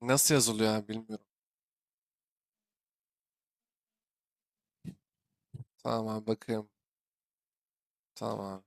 Nasıl yazılıyor abi bilmiyorum. Tamam abi bakayım. Tamam abi.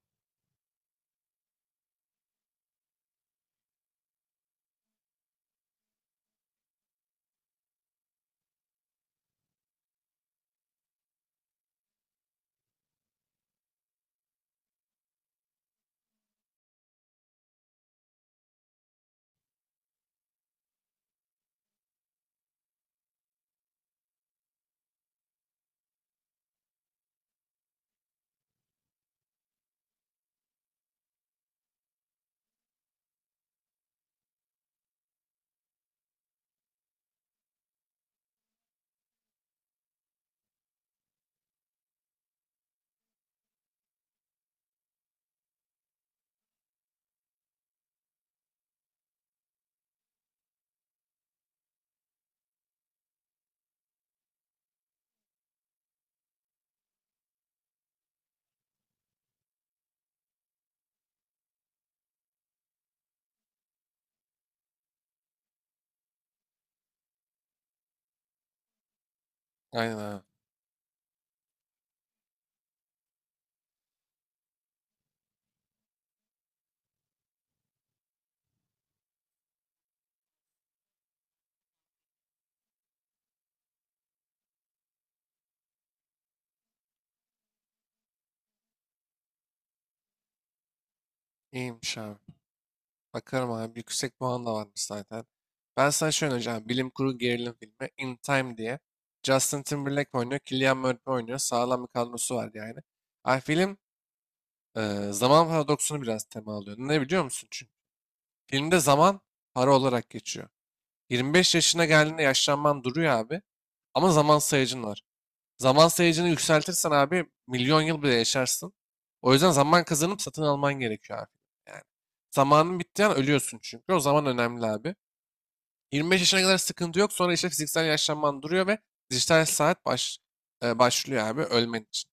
Aynen abi. İyiymiş abi. Bakarım abi. Yüksek puan da varmış zaten. Ben sana şöyle önereceğim. Bilim kurgu gerilim filmi. In Time diye. Justin Timberlake oynuyor. Cillian Murphy oynuyor. Sağlam bir kadrosu var yani. Abi film zaman paradoksunu biraz tema alıyor. Ne biliyor musun? Çünkü filmde zaman para olarak geçiyor. 25 yaşına geldiğinde yaşlanman duruyor abi. Ama zaman sayacın var. Zaman sayacını yükseltirsen abi milyon yıl bile yaşarsın. O yüzden zaman kazanıp satın alman gerekiyor abi. Yani zamanın bittiği an ölüyorsun çünkü. O zaman önemli abi. 25 yaşına kadar sıkıntı yok. Sonra işte fiziksel yaşlanman duruyor ve dijital saat başlıyor abi ölmen için.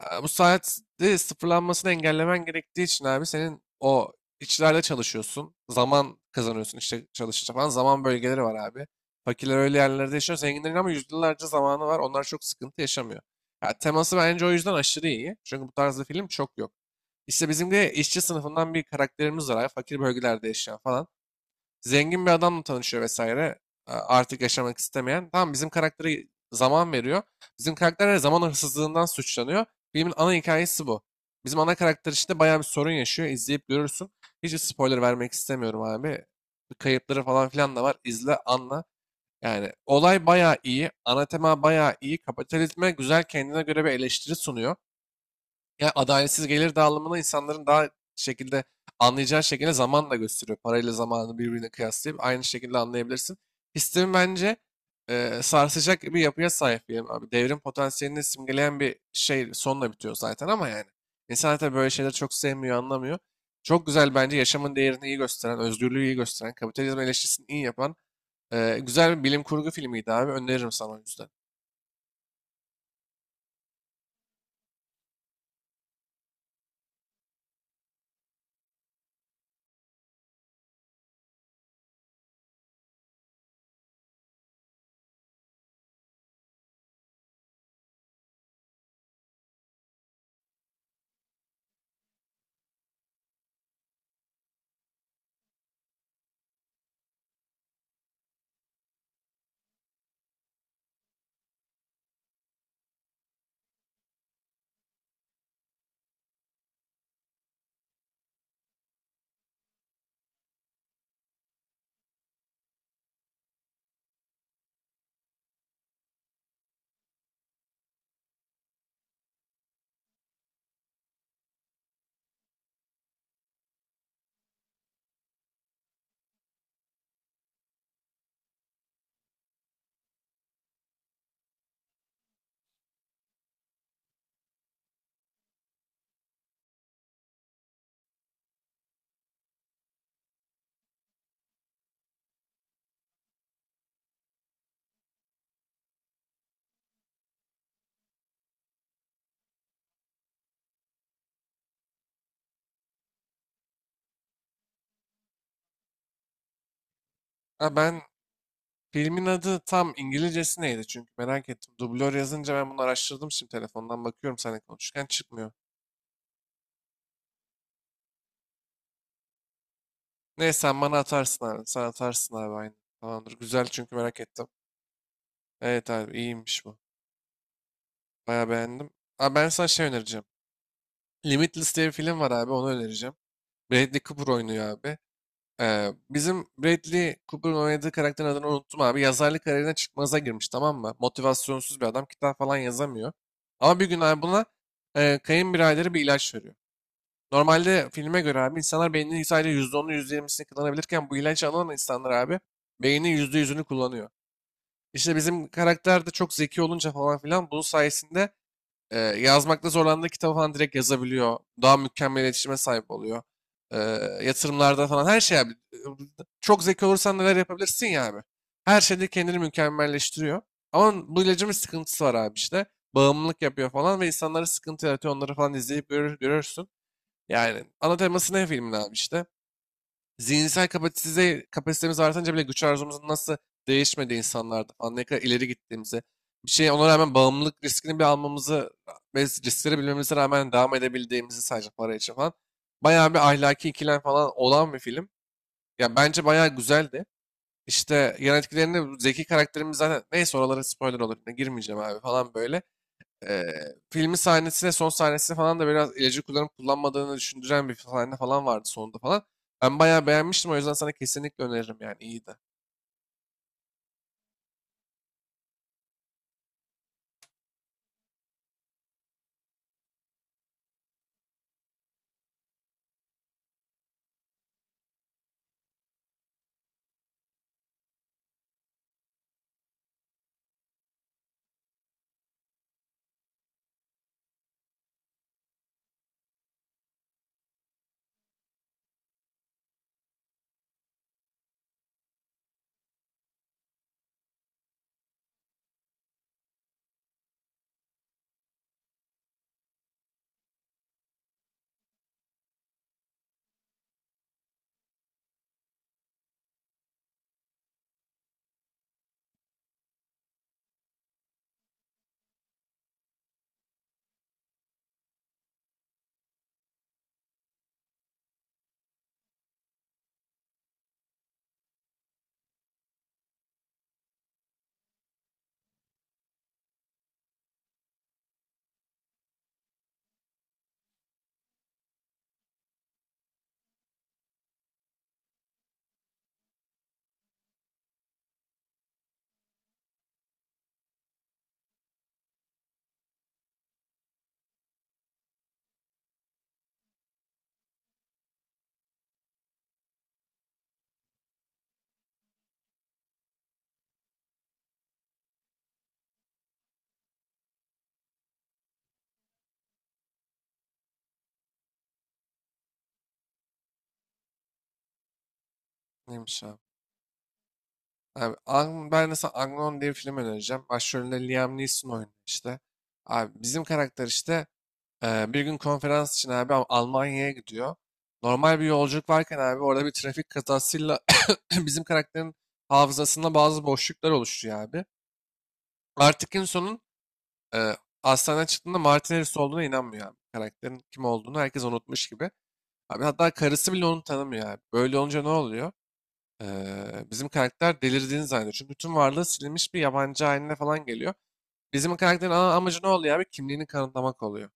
Bu saatte sıfırlanmasını engellemen gerektiği için abi senin o işçilerde çalışıyorsun. Zaman kazanıyorsun işte çalışınca falan. Zaman bölgeleri var abi. Fakirler öyle yerlerde yaşıyor. Zenginlerin ama yüzyıllarca zamanı var. Onlar çok sıkıntı yaşamıyor. Ya, teması bence o yüzden aşırı iyi. Çünkü bu tarzda film çok yok. İşte bizim de işçi sınıfından bir karakterimiz var abi. Fakir bölgelerde yaşayan falan. Zengin bir adamla tanışıyor vesaire. A- Artık yaşamak istemeyen. Tamam bizim karaktere zaman veriyor. Bizim karakter her zaman hırsızlığından suçlanıyor. Filmin ana hikayesi bu. Bizim ana karakter işte bayağı bir sorun yaşıyor. İzleyip görürsün. Hiç spoiler vermek istemiyorum abi. Kayıpları falan filan da var. İzle, anla. Yani olay bayağı iyi. Ana tema bayağı iyi. Kapitalizme güzel kendine göre bir eleştiri sunuyor. Ya adaletsiz gelir dağılımını insanların daha şekilde anlayacağı şekilde zamanla gösteriyor. Parayla zamanı birbirine kıyaslayıp aynı şekilde anlayabilirsin. Sistemi bence sarsacak bir yapıya sahip diyelim abi. Devrim potansiyelini simgeleyen bir şey sonla bitiyor zaten ama yani. İnsanlar tabii böyle şeyleri çok sevmiyor, anlamıyor. Çok güzel bence yaşamın değerini iyi gösteren, özgürlüğü iyi gösteren, kapitalizm eleştirisini iyi yapan güzel bir bilim kurgu filmiydi abi. Öneririm sana o yüzden. Ha, filmin adı tam İngilizcesi neydi çünkü merak ettim. Dublör yazınca ben bunu araştırdım, şimdi telefondan bakıyorum seninle konuşurken çıkmıyor. Neyse sen bana atarsın abi. Sen atarsın abi aynı. Tamamdır. Güzel çünkü merak ettim. Evet abi iyiymiş bu. Bayağı beğendim. Abi ben sana şey önereceğim. Limitless diye bir film var abi, onu önereceğim. Bradley Cooper oynuyor abi. Bizim Bradley Cooper'ın oynadığı karakterin adını unuttum abi. Yazarlık kariyerine çıkmaza girmiş tamam mı? Motivasyonsuz bir adam. Kitap falan yazamıyor. Ama bir gün abi buna kayınbiraderi bir ilaç veriyor. Normalde filme göre abi insanlar beyninin sadece %10'u yüzde yirmisini kullanabilirken bu ilacı alan insanlar abi beynin %100'ünü kullanıyor. İşte bizim karakter de çok zeki olunca falan filan bunun sayesinde yazmakta zorlandığı kitabı falan direkt yazabiliyor. Daha mükemmel iletişime sahip oluyor. E, Yatırımlarda falan her şey abi. Çok zeki olursan neler yapabilirsin ya abi. Her şeyde kendini mükemmelleştiriyor. Ama bu ilacın bir sıkıntısı var abi işte. Bağımlılık yapıyor falan ve insanlara sıkıntı yaratıyor. Onları falan izleyip görürsün. Yani ana teması ne filmin abi işte? Zihinsel kapasite, kapasitemiz artınca bile güç arzumuzun nasıl değişmediği, insanlarda falan ne kadar ileri gittiğimizi, bir şeye ona rağmen bağımlılık riskini bir almamızı ve riskleri bilmemize rağmen devam edebildiğimizi sadece para için falan. Bayağı bir ahlaki ikilem falan olan bir film. Ya bence bayağı güzeldi. İşte yan etkilerini bu zeki karakterimiz zaten neyse, oralara spoiler olur. Ne girmeyeceğim abi falan böyle. Filmin sahnesine, son sahnesine falan da biraz ilacı kullanıp kullanmadığını düşündüren bir sahne falan vardı sonunda falan. Ben bayağı beğenmiştim, o yüzden sana kesinlikle öneririm, yani iyiydi. Neymiş abi? Abi ben de sana Agnon diye bir film önereceğim. Başrolünde Liam Neeson oynuyor işte. Abi bizim karakter işte bir gün konferans için abi Almanya'ya gidiyor. Normal bir yolculuk varken abi orada bir trafik kazasıyla bizim karakterin hafızasında bazı boşluklar oluşuyor abi. Artık en sonun Ee, hastaneden çıktığında Martin Harris olduğuna inanmıyor abi. Karakterin kim olduğunu herkes unutmuş gibi. Abi hatta karısı bile onu tanımıyor abi. Böyle olunca ne oluyor? Bizim karakter delirdiğini zannediyor. Çünkü tüm varlığı silinmiş bir yabancı haline falan geliyor. Bizim karakterin ana amacı ne oluyor abi? Kimliğini kanıtlamak oluyor.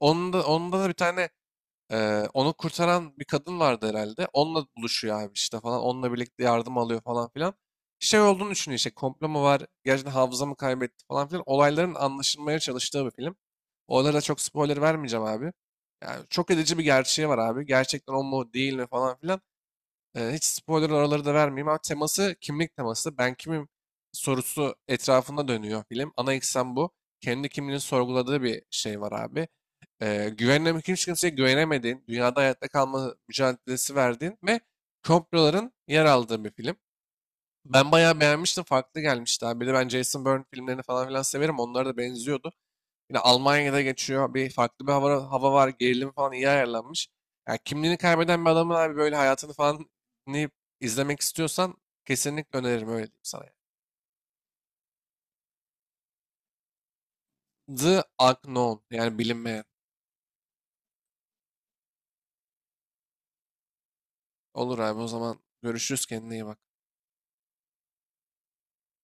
Onda da bir tane onu kurtaran bir kadın vardı herhalde. Onunla buluşuyor abi işte falan. Onunla birlikte yardım alıyor falan filan. Şey olduğunu düşünüyor işte, komplo mu var, gerçekten hafıza mı kaybetti falan filan. Olayların anlaşılmaya çalıştığı bir film. Olaylara da çok spoiler vermeyeceğim abi. Yani çok edici bir gerçeği var abi. Gerçekten o mu değil mi falan filan. Hiç spoiler oraları da vermeyeyim ama teması kimlik teması. Ben kimim sorusu etrafında dönüyor film. Ana eksen bu. Kendi kimliğini sorguladığı bir şey var abi. Güvenle hiç kimseye güvenemediğin, dünyada hayatta kalma mücadelesi verdiğin ve komploların yer aldığı bir film. Ben bayağı beğenmiştim. Farklı gelmişti abi. Bir de ben Jason Bourne filmlerini falan filan severim. Onlara da benziyordu. Yine Almanya'da geçiyor. Bir farklı bir hava var. Gerilim falan iyi ayarlanmış. Yani kimliğini kaybeden bir adamın abi böyle hayatını falan dinleyip izlemek istiyorsan kesinlikle öneririm, öyle diyeyim sana, yani. The Unknown, yani bilinmeyen. Olur abi, o zaman görüşürüz, kendine iyi bak.